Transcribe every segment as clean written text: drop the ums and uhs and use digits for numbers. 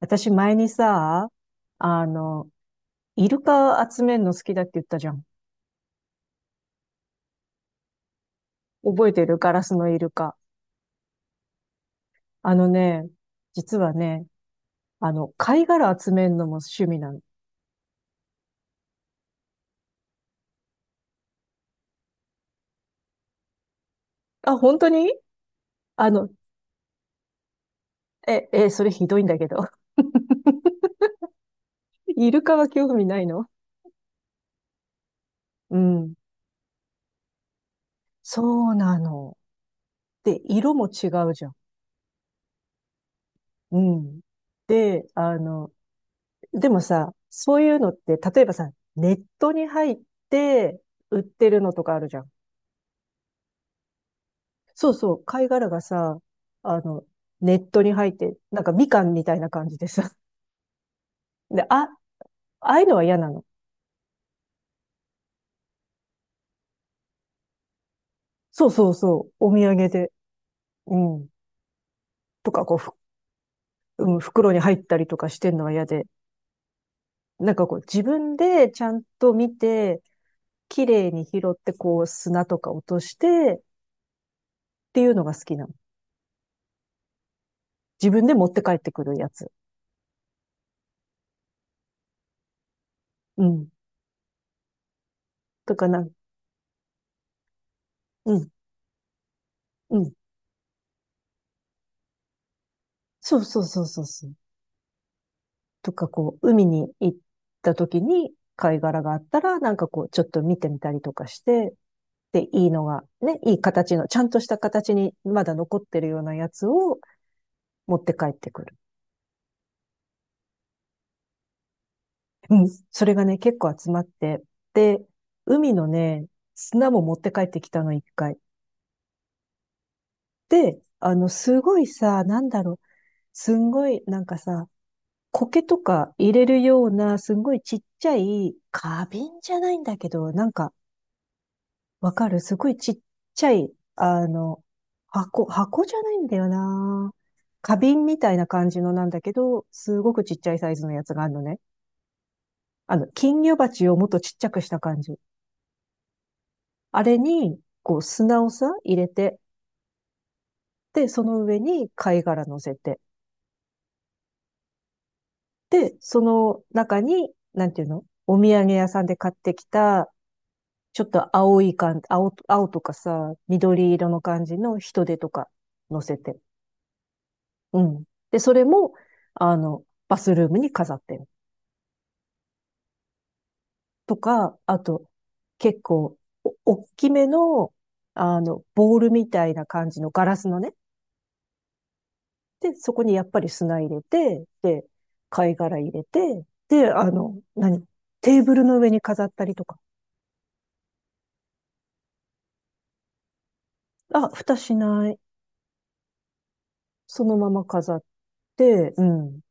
私前にさ、あの、イルカ集めるの好きだって言ったじゃん。覚えてるガラスのイルカ。あのね、実はね、貝殻集めるのも趣味なの。あ、本当にあの、え、それひどいんだけど。イルカは興味ないの？うん。そうなの。で、色も違うじゃん。うん。で、でもさ、そういうのって、例えばさ、ネットに入って売ってるのとかあるじゃん。そうそう、貝殻がさ、あの、ネットに入って、なんかみかんみたいな感じでさ。で、あ、ああいうのは嫌なの。そうそうそう、お土産で。うん。とか、こう、うん、袋に入ったりとかしてんのは嫌で。なんかこう、自分でちゃんと見て、綺麗に拾って、こう、砂とか落として、っていうのが好きなの。自分で持って帰ってくるやつ。うん。とかうん、うん。そうそうそうそうそう。とか、こう、海に行った時に貝殻があったら、なんかこう、ちょっと見てみたりとかして、で、いいのが、ね、いい形の、ちゃんとした形にまだ残ってるようなやつを持って帰ってくる。うん。それがね、結構集まって、で、海のね、砂も持って帰ってきたの、一回。で、すごいさ、なんだろう、すんごい、なんかさ、苔とか入れるような、すんごいちっちゃい、花瓶じゃないんだけど、なんか、わかる。すごいちっちゃい、あの、箱、箱じゃないんだよな。花瓶みたいな感じのなんだけど、すごくちっちゃいサイズのやつがあるのね。金魚鉢をもっとちっちゃくした感じ。あれに、こう、砂をさ、入れて、で、その上に貝殻乗せて、で、その中に、なんていうのお土産屋さんで買ってきた、ちょっと青い感、青とかさ、緑色の感じの人手とか乗せて。うん。で、それも、バスルームに飾ってる。とか、あと、結構、お、大きめの、ボールみたいな感じのガラスのね。で、そこにやっぱり砂入れて、で、貝殻入れて、で、テーブルの上に飾ったりとか。あ、蓋しない。そのまま飾って、うん。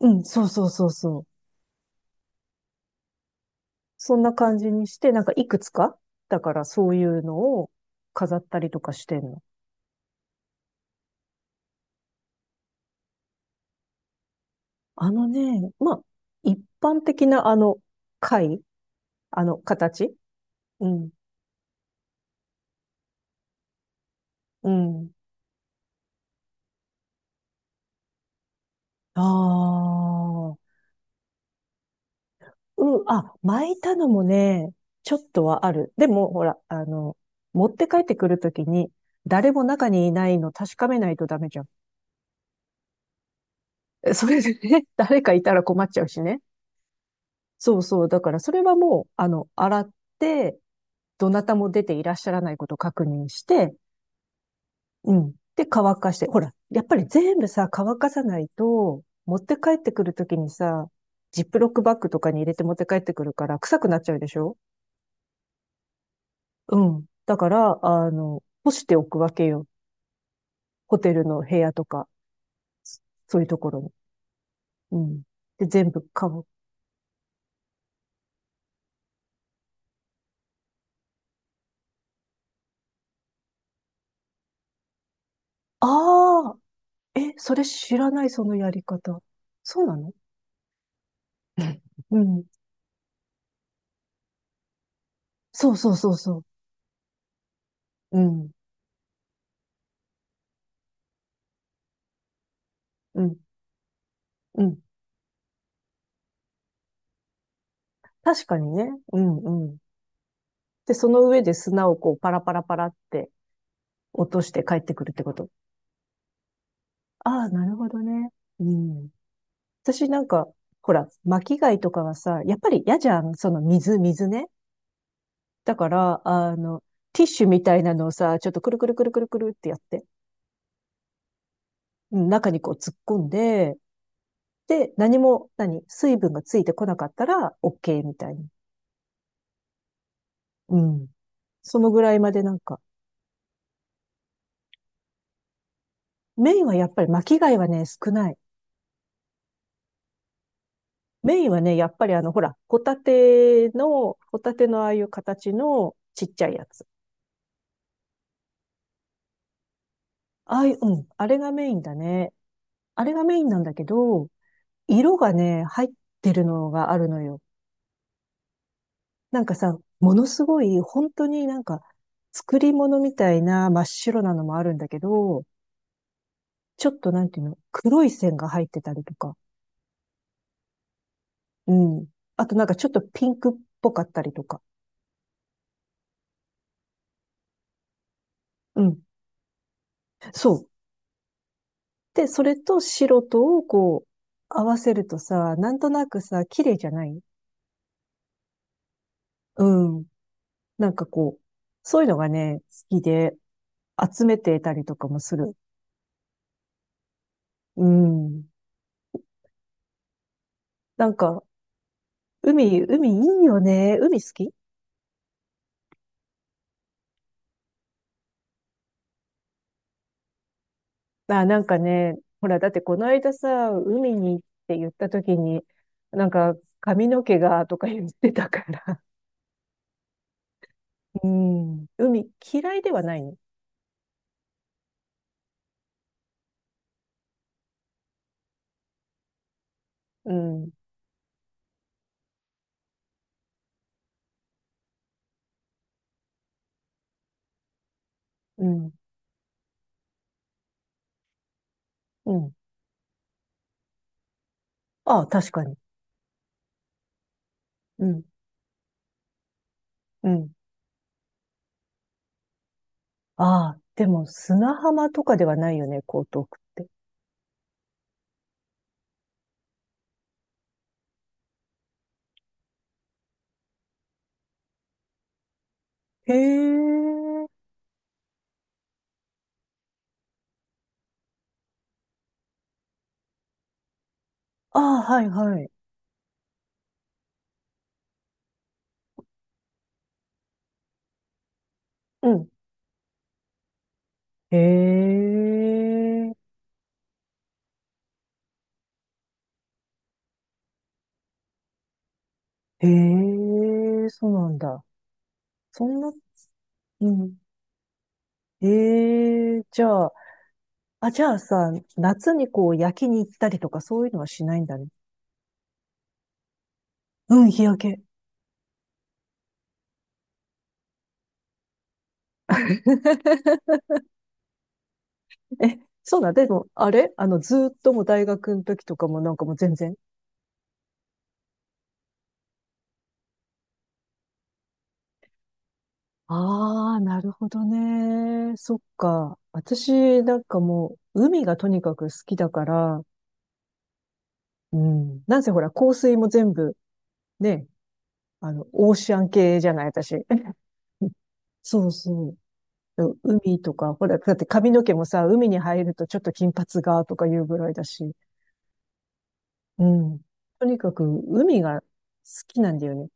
うん、そうそうそうそう。そんな感じにして、なんかいくつか、だからそういうのを飾ったりとかしてんの。あのね、まあ、一般的な貝形。うん、うん。ああ、うん、あ、巻いたのもね、ちょっとはある。でも、ほら、持って帰ってくるときに、誰も中にいないの確かめないとダメじゃん。それでね、誰かいたら困っちゃうしね。そうそう。だから、それはもう、洗って、どなたも出ていらっしゃらないことを確認して、うん。で、乾かして。ほら、やっぱり全部さ、乾かさないと、持って帰ってくるときにさ、ジップロックバッグとかに入れて持って帰ってくるから、臭くなっちゃうでしょ？うん。だから、干しておくわけよ。ホテルの部屋とか、そういうところに。うん。で、全部乾く。ああ、え、それ知らない、そのやり方。そうなの？うん。そうそうそうそう。うん。うん。うん。確かにね。うんうん。で、その上で砂をこう、パラパラパラって落として帰ってくるってこと？ああ、なるほどね。うん。私なんか、ほら、巻き貝とかはさ、やっぱり嫌じゃん。その水、水ね。だから、ティッシュみたいなのをさ、ちょっとくるくるくるくるくるってやって、うん中にこう突っ込んで、で、何も、水分がついてこなかったら、OK みたいに。うん。そのぐらいまでなんか、メインはやっぱり巻き貝はね、少ない。メインはね、やっぱりほら、ホタテのああいう形のちっちゃいやつ。ああいう、うん、あれがメインだね。あれがメインなんだけど、色がね、入ってるのがあるのよ。なんかさ、ものすごい、本当になんか、作り物みたいな真っ白なのもあるんだけど、ちょっとなんていうの、黒い線が入ってたりとか、うん。あとなんかちょっとピンクっぽかったりとか、うん。そう。で、それと白とをこう、合わせるとさ、なんとなくさ、綺麗じゃない？うん。なんかこう、そういうのがね、好きで、集めていたりとかもする。うん。なんか、海、海いいよね。海好き？あ、なんかね、ほら、だってこの間さ、海にって言った時に、なんか、髪の毛がとか言ってたから。うん。海嫌いではないの。うん。うん。うん。ああ、確かに。うん。うん。ああ、でも砂浜とかではないよね、江東区って。へえ。ああ、はいはい。うん。へえ。へえ、そうなんだ。そんな、うん。ええ、じゃあ、あ、じゃあさ、夏にこう焼きに行ったりとかそういうのはしないんだね。うん、日焼け。え、そうだ。でも、あれずーっともう大学の時とかもなんかもう全然。ああ、なるほどね。そっか。私、なんかもう、海がとにかく好きだから、うん。なんせほら、香水も全部、ね、オーシャン系じゃない、私。そうそう。そう海とか、ほら、だって髪の毛もさ、海に入るとちょっと金髪がとかいうぐらいだし、うん。とにかく海が好きなんだよね。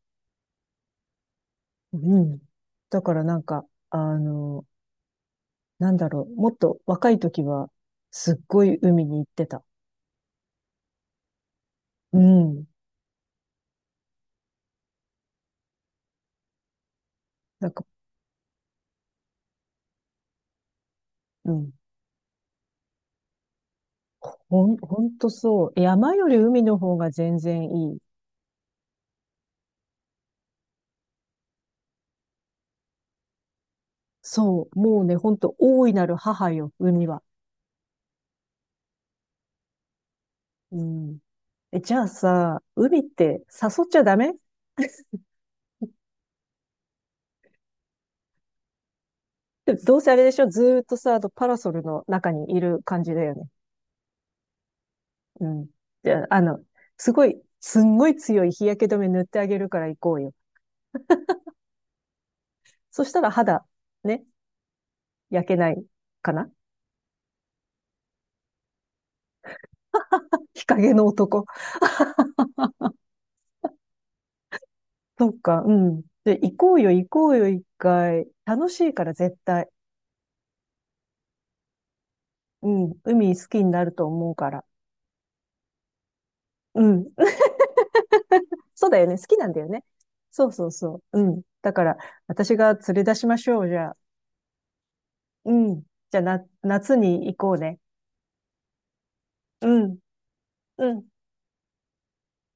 うん。だからなんか、あの、なんだろう、もっと若い時は、すっごい海に行ってた。うん。なんか、うん。ほんとそう。山より海の方が全然いい。そう。もうね、ほんと、大いなる母よ、海は。うん。え、じゃあさ、海って誘っちゃダメ？でもどうせあれでしょ？ずーっとさ、あのパラソルの中にいる感じだよね。うん。じゃあ、すごい、すんごい強い日焼け止め塗ってあげるから行こうよ。そしたら肌、ね、焼けないかな？日陰の男。そっか、うん。で、行こうよ、行こうよ、一回。楽しいから絶対。うん。海好きになると思うから。うん。そうだよね。好きなんだよね。そうそうそう。うん。だから、私が連れ出しましょう、じゃあ。うん。じゃあ、夏に行こうね。うん、うん。